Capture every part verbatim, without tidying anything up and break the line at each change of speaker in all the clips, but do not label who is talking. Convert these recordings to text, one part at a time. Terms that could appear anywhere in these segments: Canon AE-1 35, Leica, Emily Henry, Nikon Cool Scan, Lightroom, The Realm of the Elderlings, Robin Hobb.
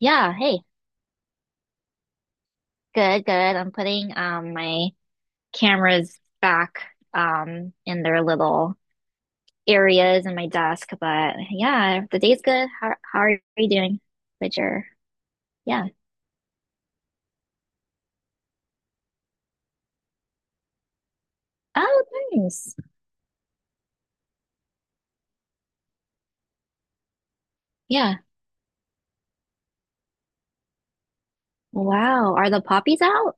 Yeah, hey. Good, good. I'm putting um my cameras back um in their little areas in my desk, but yeah, the day's good. How how are you doing with your yeah. Oh, nice. Yeah. Wow. Are the poppies out?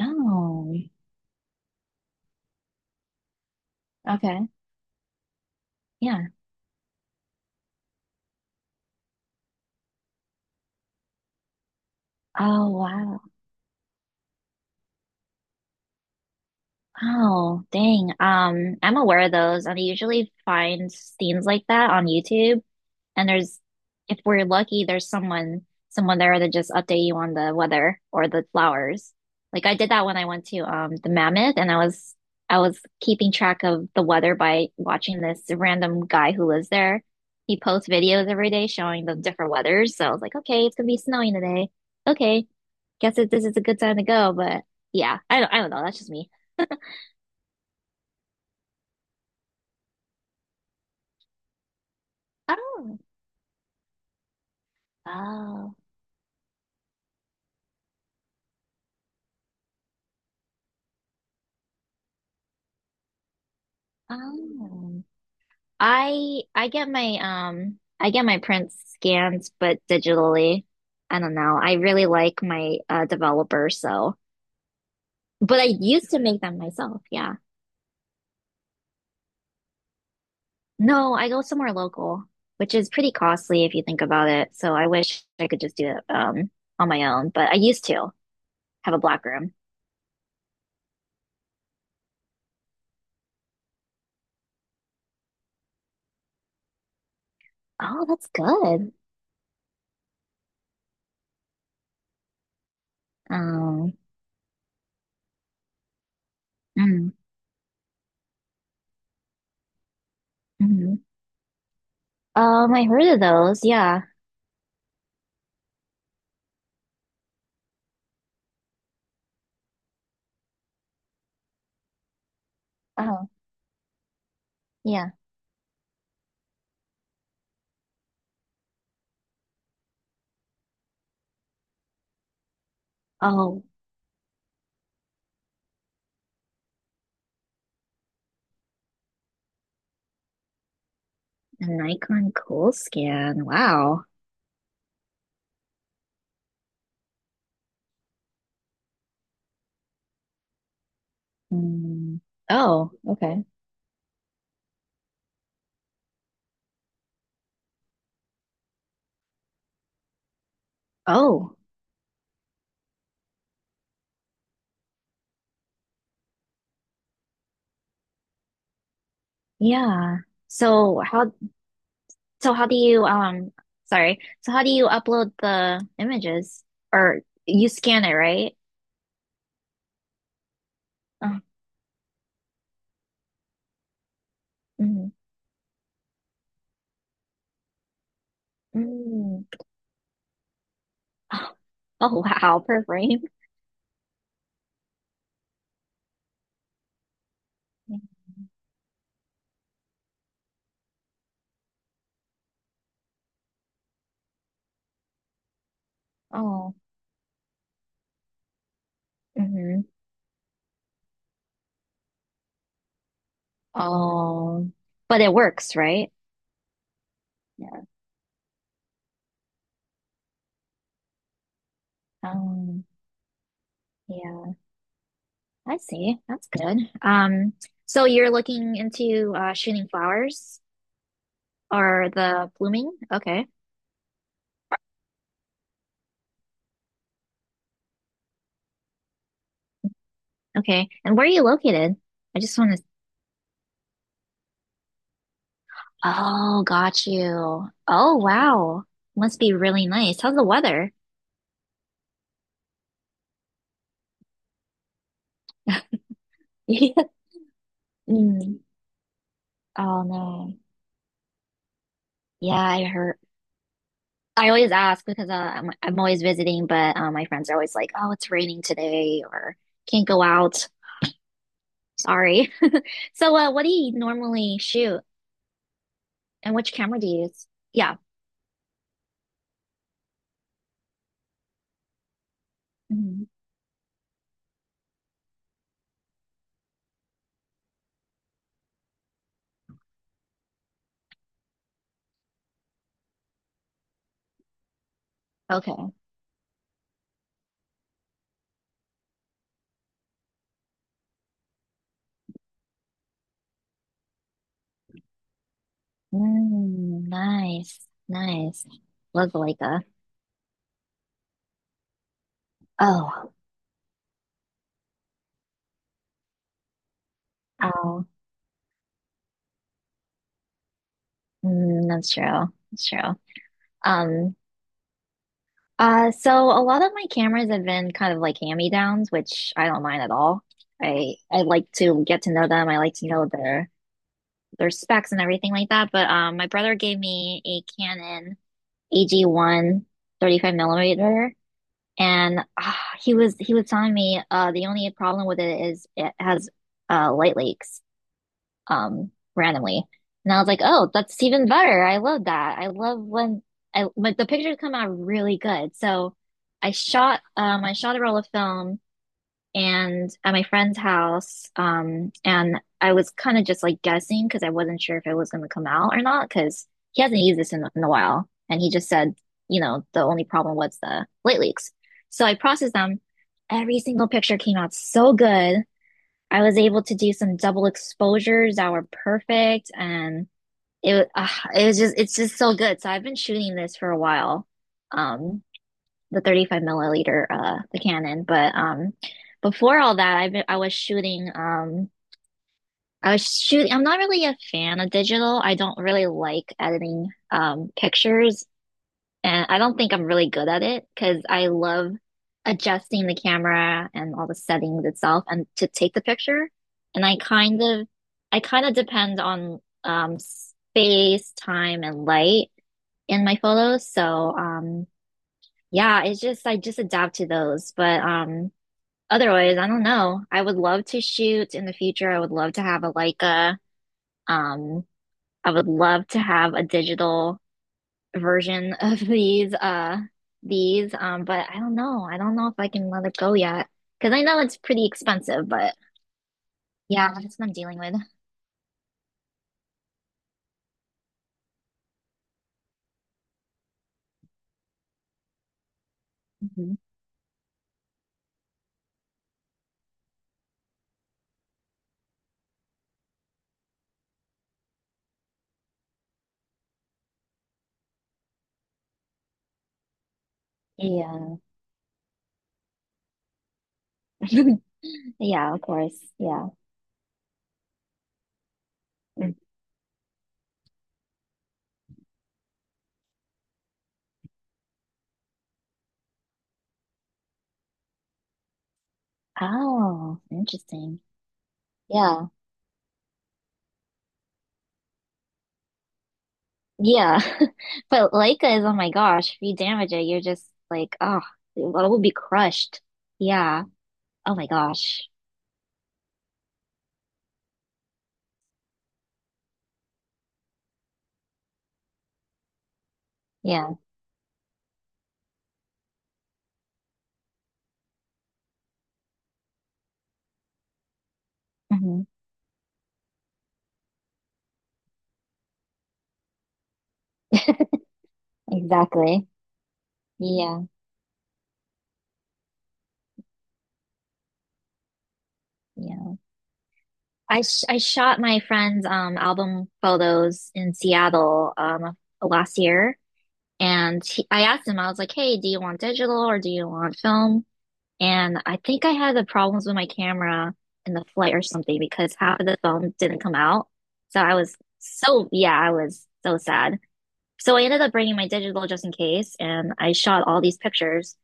Oh. Okay. Yeah. Oh, wow. Oh, dang. Um, I'm aware of those. I usually find scenes like that on YouTube. And there's, if we're lucky, there's someone someone there to just update you on the weather or the flowers. Like I did that when I went to um the Mammoth, and I was I was keeping track of the weather by watching this random guy who lives there. He posts videos every day showing the different weathers. So I was like, okay, it's gonna be snowing today. Okay, guess it, this is a good time to go. But yeah, I don't I don't know. That's just me. Oh, oh, oh. I I get my um I get my prints scans but digitally. I don't know. I really like my uh developer so but I used to make them myself, yeah. No, I go somewhere local, which is pretty costly if you think about it. So I wish I could just do it um on my own, but I used to have a black room. Oh, that's good. Um mm, mhm. Um, I heard of those, yeah. Oh, yeah. Oh, an Nikon Cool Scan. Wow. Mm. Oh, okay. Oh, yeah. So how so how do you um sorry. So how do you upload the images? Or you scan it, right? Oh, mm, mm. Oh, oh, wow, per frame. Yeah. Oh, mm-hmm. Oh, but it works, right? Yeah. Um, yeah, I see. That's good. Um, so you're looking into uh shooting flowers or the blooming? Okay. Okay. And where are you located? I just want to. Oh, got you. Oh, wow. Must be really nice. How's the weather? Mm. Oh no. Yeah, I heard. I always ask because uh, I'm I'm always visiting, but uh, my friends are always like, "Oh, it's raining today," or "Can't go out." Sorry. So, uh, what do you normally shoot, and which camera do you use? Yeah. Mhm. Okay. Mm, nice, nice. Looks like a. Oh, wow. Mm, that's true. That's true. Um, uh, so a lot of my cameras have been kind of like hand-me-downs, which I don't mind at all. I I like to get to know them. I like to know their their specs and everything like that. But um, my brother gave me a Canon ag One thirty five millimeter, and ah, he was he was telling me uh the only problem with it is it has uh light leaks, um, randomly. And I was like, oh, that's even better. I love that. I love when I but the pictures come out really good. So I shot um I shot a roll of film and at my friend's house, um and I was kind of just like guessing because I wasn't sure if it was going to come out or not because he hasn't used this in, in a while and he just said, you know, the only problem was the light leaks. So I processed them. Every single picture came out so good. I was able to do some double exposures that were perfect, and it uh, it was just it's just so good. So I've been shooting this for a while, um, the thirty-five milliliter uh the Canon, but um before all that, I've been I was shooting um I was shooting. I'm not really a fan of digital. I don't really like editing um pictures. And I don't think I'm really good at it because I love adjusting the camera and all the settings itself and to take the picture. And I kind of, I kind of depend on um, space, time, and light in my photos. So um, yeah, it's just I just adapt to those. But um, otherwise, I don't know. I would love to shoot in the future. I would love to have a Leica. Um, I would love to have a digital version of these uh these um but I don't know. I don't know if I can let it go yet because I know it's pretty expensive, but yeah, that's what I'm dealing with. Mhm. Yeah. Yeah, of course. Yeah. Mm. Oh, interesting. Yeah. Yeah. But Leica is, oh my gosh, if you damage it, you're just like, oh, it will be crushed. Yeah. Oh my gosh. Yeah. Hmm. Exactly. Yeah. Yeah. I sh I shot my friend's um album photos in Seattle um last year, and he, I asked him, I was like, "Hey, do you want digital or do you want film?" And I think I had the problems with my camera in the flight or something because half of the film didn't come out. So I was so yeah, I was so sad. So I ended up bringing my digital just in case, and I shot all these pictures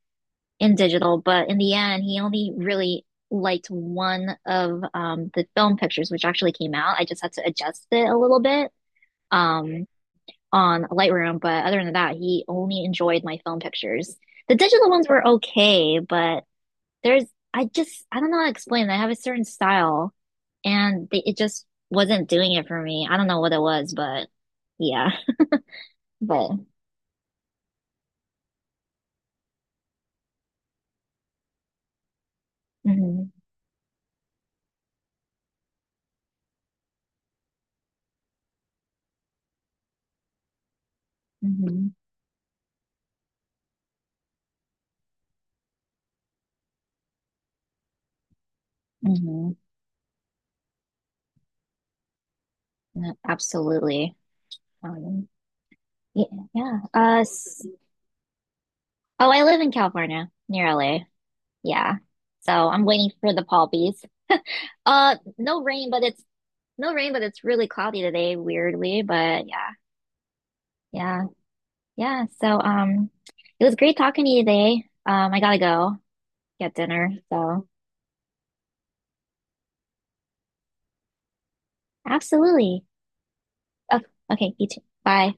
in digital, but in the end, he only really liked one of um, the film pictures, which actually came out. I just had to adjust it a little bit um, on Lightroom, but other than that, he only enjoyed my film pictures. The digital ones were okay, but there's I just I don't know how to explain. I have a certain style, and they, it just wasn't doing it for me. I don't know what it was, but yeah, but hmm hmm hmm absolutely. Um, Yeah, yeah. Uh, s- oh, I live in California, near L A. Yeah. So I'm waiting for the Palbies. Uh, no rain, but it's no rain, but it's really cloudy today, weirdly. But yeah, yeah, yeah. So um, it was great talking to you today. Um, I gotta go get dinner. So absolutely. Oh, okay, you too. Bye.